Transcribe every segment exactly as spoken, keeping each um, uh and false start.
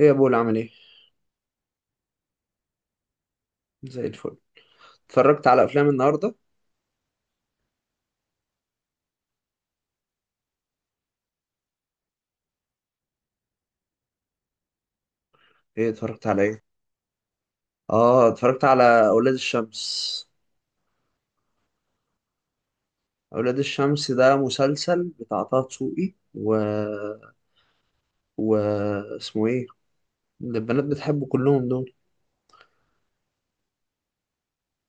ايه يا بول، عامل ايه؟ زي الفل. اتفرجت على افلام النهارده؟ ايه اتفرجت على ايه؟ اه اتفرجت على اولاد الشمس. اولاد الشمس ده مسلسل بتاع طه دسوقي و... و اسمه ايه؟ اللي البنات بتحبه كلهم دول.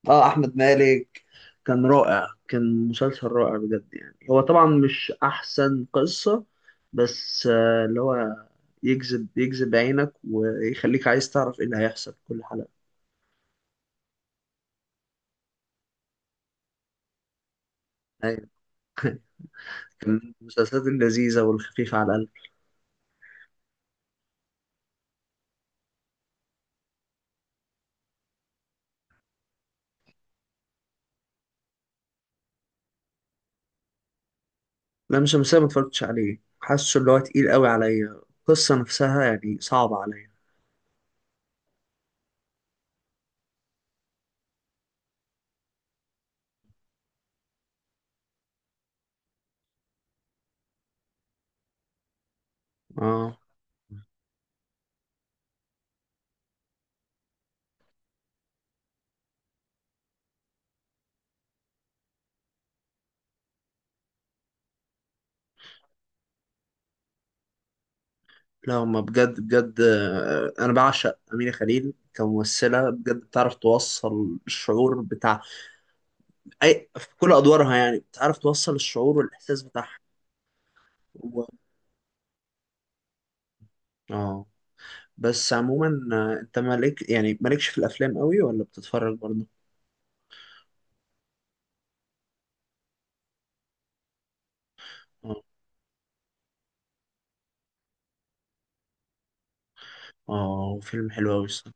اه احمد مالك. كان رائع، كان مسلسل رائع بجد، يعني هو طبعا مش احسن قصة، بس آه اللي هو يجذب يجذب عينك ويخليك عايز تعرف ايه اللي هيحصل في كل حلقة. أيوة. كان من المسلسلات اللذيذة والخفيفة على القلب. لام شمسية ما اتفرجتش عليه، حاسه اللي هو تقيل قوي عليا، القصة نفسها يعني صعبة عليا. اه لا، ما بجد بجد، آه، انا بعشق أمينة خليل كممثلة، بجد بتعرف توصل الشعور بتاع اي في كل ادوارها، يعني بتعرف توصل الشعور والاحساس بتاعها. و... اه. بس عموما آه، انت مالك يعني مالكش في الافلام قوي ولا بتتفرج برضه؟ اه. اه فيلم حلو قوي الصراحة.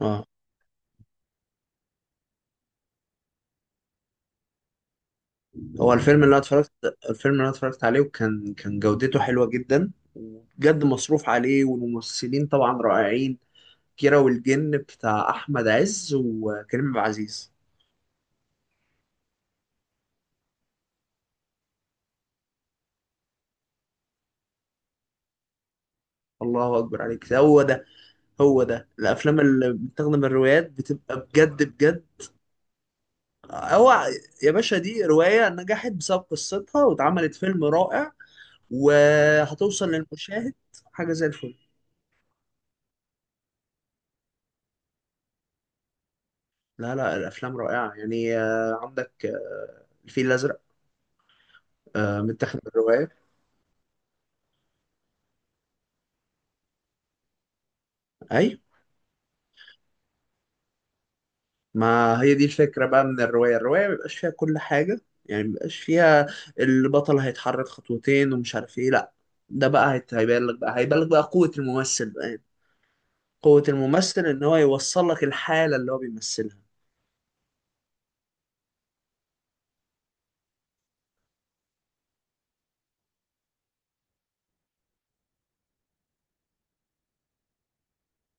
اه هو الفيلم اللي انا اتفرجت، الفيلم اللي انا اتفرجت عليه، وكان كان جودته حلوه جدا، وبجد مصروف عليه والممثلين طبعا رائعين. كيرة والجن بتاع احمد عز وكريم عبد العزيز. الله اكبر عليك، ده هو ده. هو ده الافلام اللي بتاخد من الروايات بتبقى بجد بجد. هو يا باشا، دي روايه نجحت بسبب قصتها واتعملت فيلم رائع وهتوصل للمشاهد. حاجه زي الفل. لا لا، الافلام رائعه، يعني آه، عندك آه، الفيل الازرق آه، متاخد من الرواية. أيوة. ما هي دي الفكرة بقى من الرواية، الرواية مبيبقاش فيها كل حاجة، يعني مبيبقاش فيها البطل هيتحرك خطوتين ومش عارف ايه، لأ. ده بقى هيت- هيبان لك بقى هيبان لك بقى قوة الممثل بقى، يعني. قوة الممثل إن هو يوصل لك الحالة اللي هو بيمثلها.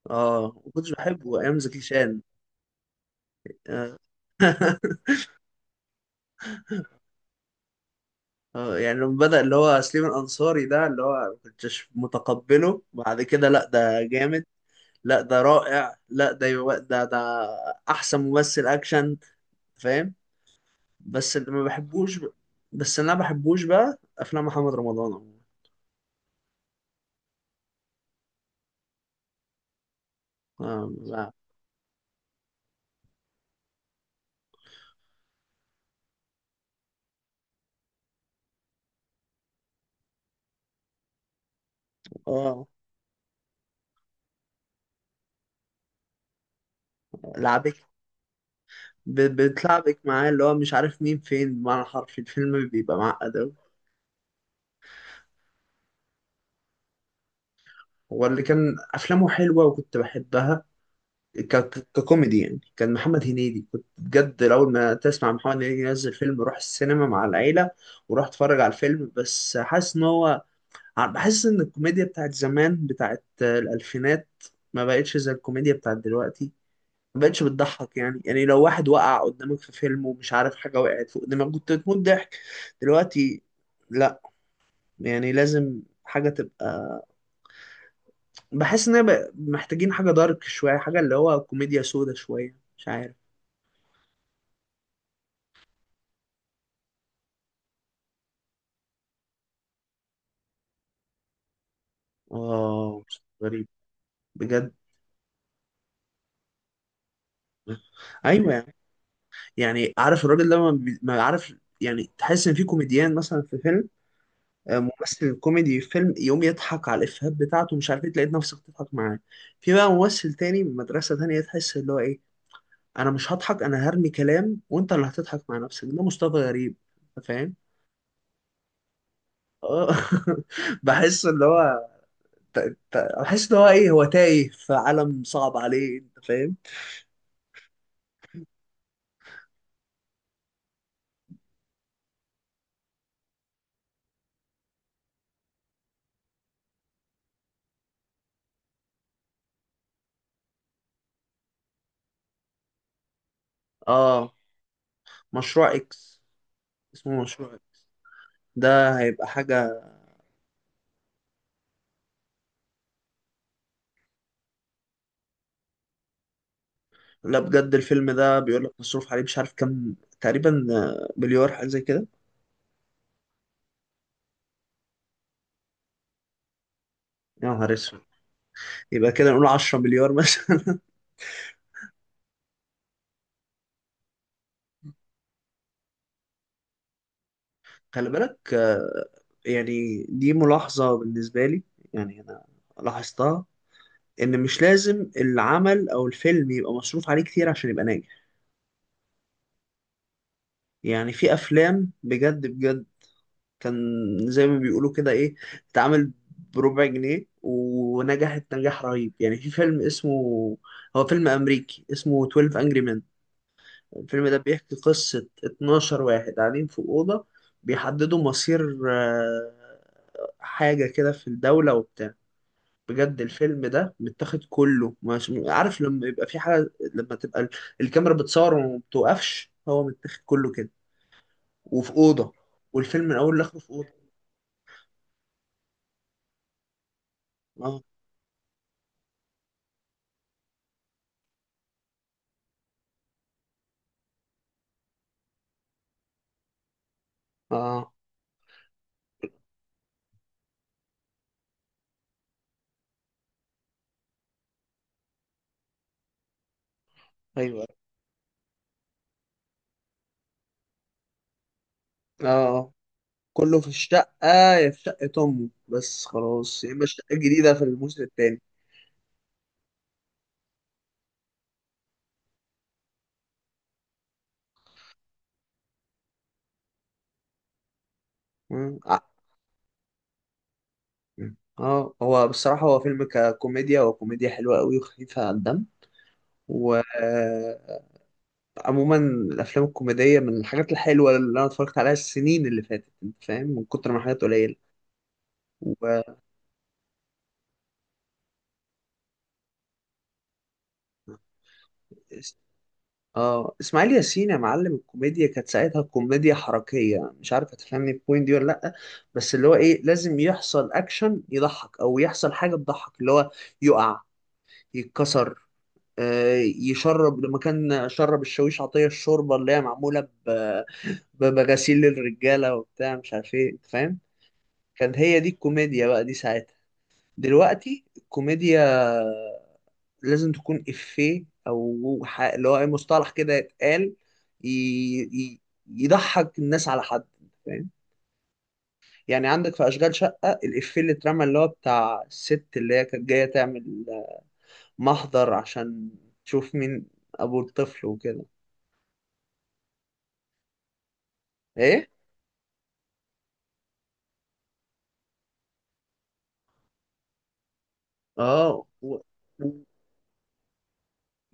اه ما كنتش بحبه أيام زكي شان. آه. اه، يعني لما بدأ اللي هو سليم الأنصاري، ده اللي هو ما كنتش متقبله، بعد كده لأ ده جامد. لا ده رائع، لا ده يو... ده ده احسن ممثل اكشن، فاهم؟ بس اللي ما بحبوش ب... بس اللي انا ما بحبوش بقى افلام محمد رمضان عموما. اه لا. آه، لعبك، ب... بتلعبك معاه، اللي هو مش عارف مين فين بمعنى حرفي، الفيلم بيبقى معقد أوي. هو اللي كان افلامه حلوه وكنت بحبها ك... ك- ككوميدي، يعني كان محمد هنيدي، كنت بجد اول ما تسمع محمد هنيدي ينزل فيلم روح السينما مع العيله وروح اتفرج على الفيلم، بس حاسس ان هو، ع- بحس ان الكوميديا بتاعت زمان، بتاعت آه، الالفينات، ما بقتش زي الكوميديا بتاعت دلوقتي. ما بقتش بتضحك يعني، يعني لو واحد وقع قدامك في فيلم ومش عارف حاجة وقعت فوق دماغك كنت تموت ضحك. دلوقتي لا، يعني لازم حاجة تبقى، بحس ان هي بق- محتاجين حاجة دارك شوية، حاجة اللي هو كوميديا سودا شوية، مش عارف. اه غريب، بجد. ايوه يعني. يعني عارف الراجل ده، ما, بي... ما عارف، يعني تحس ان في كوميديان مثلا في فيلم، آه، ممثل كوميدي في فيلم يقوم يضحك على الإفيهات بتاعته، مش عارف ايه، تلاقي نفسك تضحك معاه. في بقى ممثل تاني من مدرسة تانية تحس اللي هو ايه، انا مش هضحك، انا هرمي كلام وانت اللي هتضحك مع نفسك، ده مصطفى غريب، انت فاهم؟ آه. بحس اللي هو، ت- ت- بحس اللي هو ايه، هو تايه في عالم صعب عليه، انت فاهم؟ اه، مشروع اكس. اسمه مشروع اكس، ده هيبقى حاجة. لا بجد، الفيلم ده بيقول لك مصروف عليه مش عارف كام تقريبا، آه، مليار حاجة زي كده. يا نهار اسود. يبقى كده نقول 10 مليار مثلا. خلي بالك. آه، يعني دي ملاحظة بالنسبة لي، يعني أنا لاحظتها، إن مش لازم العمل أو الفيلم يبقى مصروف عليه كتير عشان يبقى ناجح. يعني في أفلام بجد بجد كان، زي ما بيقولوا كده إيه، اتعمل بربع جنيه ونجحت نجاح رهيب. يعني في فيلم اسمه، هو فيلم أمريكي اسمه اتناشر Angry Men. الفيلم ده بيحكي قصة 12 واحد قاعدين في أوضة بيحددوا مصير آه، حاجة كده في الدولة وبتاع. بجد الفيلم ده متاخد كله، مش عارف لما يبقى في حاجة، لما تبقى ال- الكاميرا بتصور وما بتوقفش، هو متاخد كله كده وفي أوضة، والفيلم من أول لآخره في أوضة. اه اه. آه. أيوه اه. آه. كله في الشقة، يا في شقة أمه بس خلاص، يا إما الشقة الجديدة في الموسم التاني. آه، مم. اه هو بصراحة هو فيلم ككوميديا، هو كوميديا حلوة قوي وخفيفة على الدم. وعموما الأفلام الكوميدية من الحاجات الحلوة اللي أنا اتفرجت عليها السنين اللي فاتت، أنت فاهم، من كتر ما حاجات قليلة. و... اس- اه إسماعيل ياسين يا معلم، الكوميديا كانت ساعتها كوميديا حركية، مش عارف هتفهمني البوينت دي ولا لأ؟ بس اللي هو إيه، لازم يحصل أكشن يضحك، أو يحصل حاجة تضحك، اللي هو يقع، يتكسر، آه، يشرب لما كان شرب الشاويش عطية الشوربة اللي هي معمولة ب- بمغاسيل الرجالة وبتاع مش عارف ايه، انت فاهم؟ كان هي دي الكوميديا بقى دي ساعتها. دلوقتي الكوميديا لازم تكون إفيه، أو ح- اللي هو أي مصطلح كده يتقال، ي... ي... يضحك الناس على حد، أنت فاهم. يعني عندك في أشغال شقة الإفيه اللي اترمى اللي هو بتاع الست اللي هي كانت جاية تعمل محضر عشان تشوف مين أبو الطفل وكده. إيه؟ اه. و- و-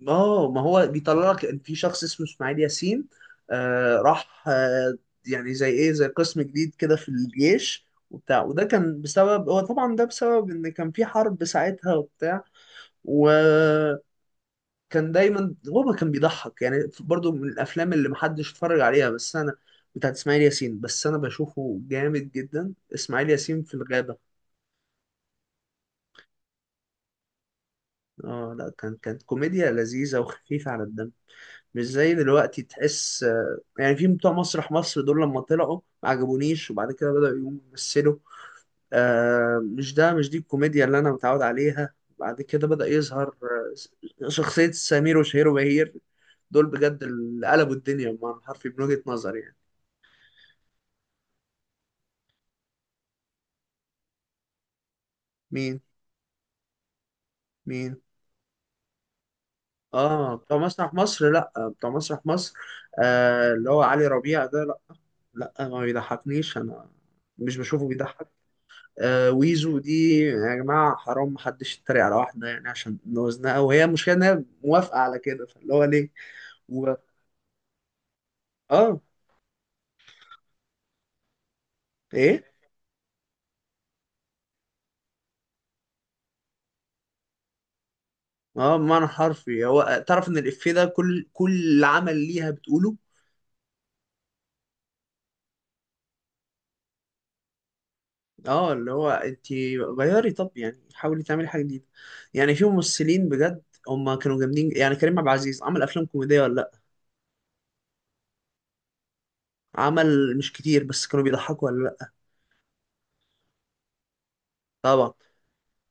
اه، ما هو بيطلع لك إن في شخص اسمه اسماعيل ياسين، آه راح آه. يعني زي ايه، زي قسم جديد كده في الجيش وبتاع، وده كان بسبب، هو طبعا ده بسبب ان كان في حرب ساعتها وبتاع، وكان دايما هو ما كان بيضحك. يعني برضو من الافلام اللي محدش اتفرج عليها بس انا، بتاعت اسماعيل ياسين، بس انا بشوفه جامد جدا، اسماعيل ياسين في الغابة. اه لا، كان كانت كوميديا لذيذة وخفيفة على الدم، مش زي دلوقتي، تحس آه، يعني في بتوع مسرح مصر دول، لما طلعوا ما عجبونيش، وبعد كده بدأوا يقوموا يمثلوا، آه، مش ده مش دي الكوميديا اللي أنا متعود عليها. بعد كده بدأ يظهر آه، شخصية سمير وشهير وبهير. دول بجد اللي قلبوا الدنيا بمعنى حرفي من وجهة نظري يعني. مين؟ مين؟ اه بتوع مسرح مصر، لا بتوع مسرح مصر آه اللي هو علي ربيع ده، لا، لا ما بيضحكنيش انا، مش بشوفه بيضحك. آه ويزو دي، يا جماعة حرام محدش يتريق على واحدة يعني عشان وزنها، وهي المشكلة إن هي موافقة على كده، فاللي هو ليه؟ و... آه. إيه؟ آه بمعنى حرفي هو تعرف إن الإفيه ده كل كل عمل ليها بتقوله. آه اللي هو أنت غيري، طب يعني حاولي تعملي حاجة جديدة. يعني في ممثلين بجد هما كانوا جامدين، يعني كريم عبد العزيز عمل أفلام كوميدية ولا لأ؟ عمل مش كتير بس كانوا بيضحكوا ولا لأ؟ طبعا.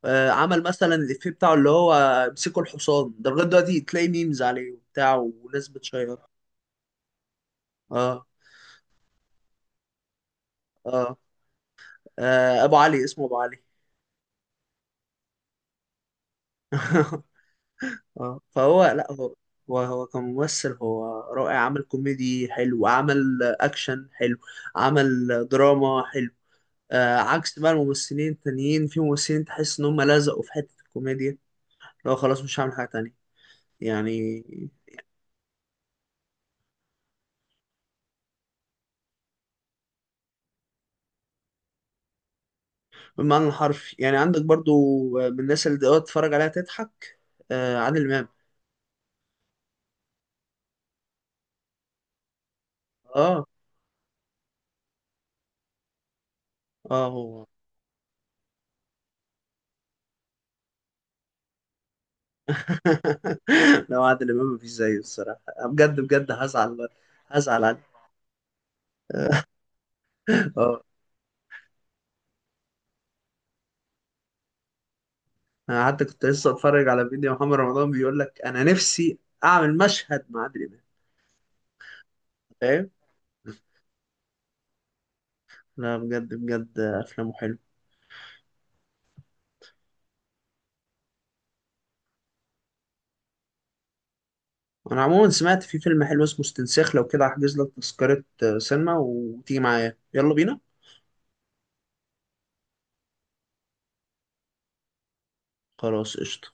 آه، عمل مثلا الإفيه بتاعه اللي هو امسكوا الحصان، ده لغاية دلوقتي تلاقي ميمز عليه وبتاع وناس بتشيره. اه. اه. آه، أبو علي، اسمه أبو علي. اه فهو لا هو، هو هو كممثل هو رائع، عمل كوميدي حلو، عمل أكشن حلو، عمل دراما حلو. آه عكس بقى الممثلين التانيين، في ممثلين تحس إن هم لزقوا في حتة الكوميديا، لو خلاص مش هعمل حاجة تانية يعني. بالمعنى الحرفي، يعني عندك برضو آه، من الناس اللي تقعد تتفرج عليها تضحك، آه عادل إمام. اه اه هو. لو عادل إمام مفيش زيه الصراحة، بجد بجد هزعل، هزعل عليه. اه، انا حتى كنت لسه اتفرج على فيديو محمد رمضان بيقول لك انا نفسي اعمل مشهد مع عادل امام، فاهم. لا بجد بجد افلامه حلو. انا عموما سمعت في فيلم حلو اسمه استنساخ، لو كده هحجز لك تذكرة آه، سينما وتيجي معايا يلا بينا. خلاص قشطة.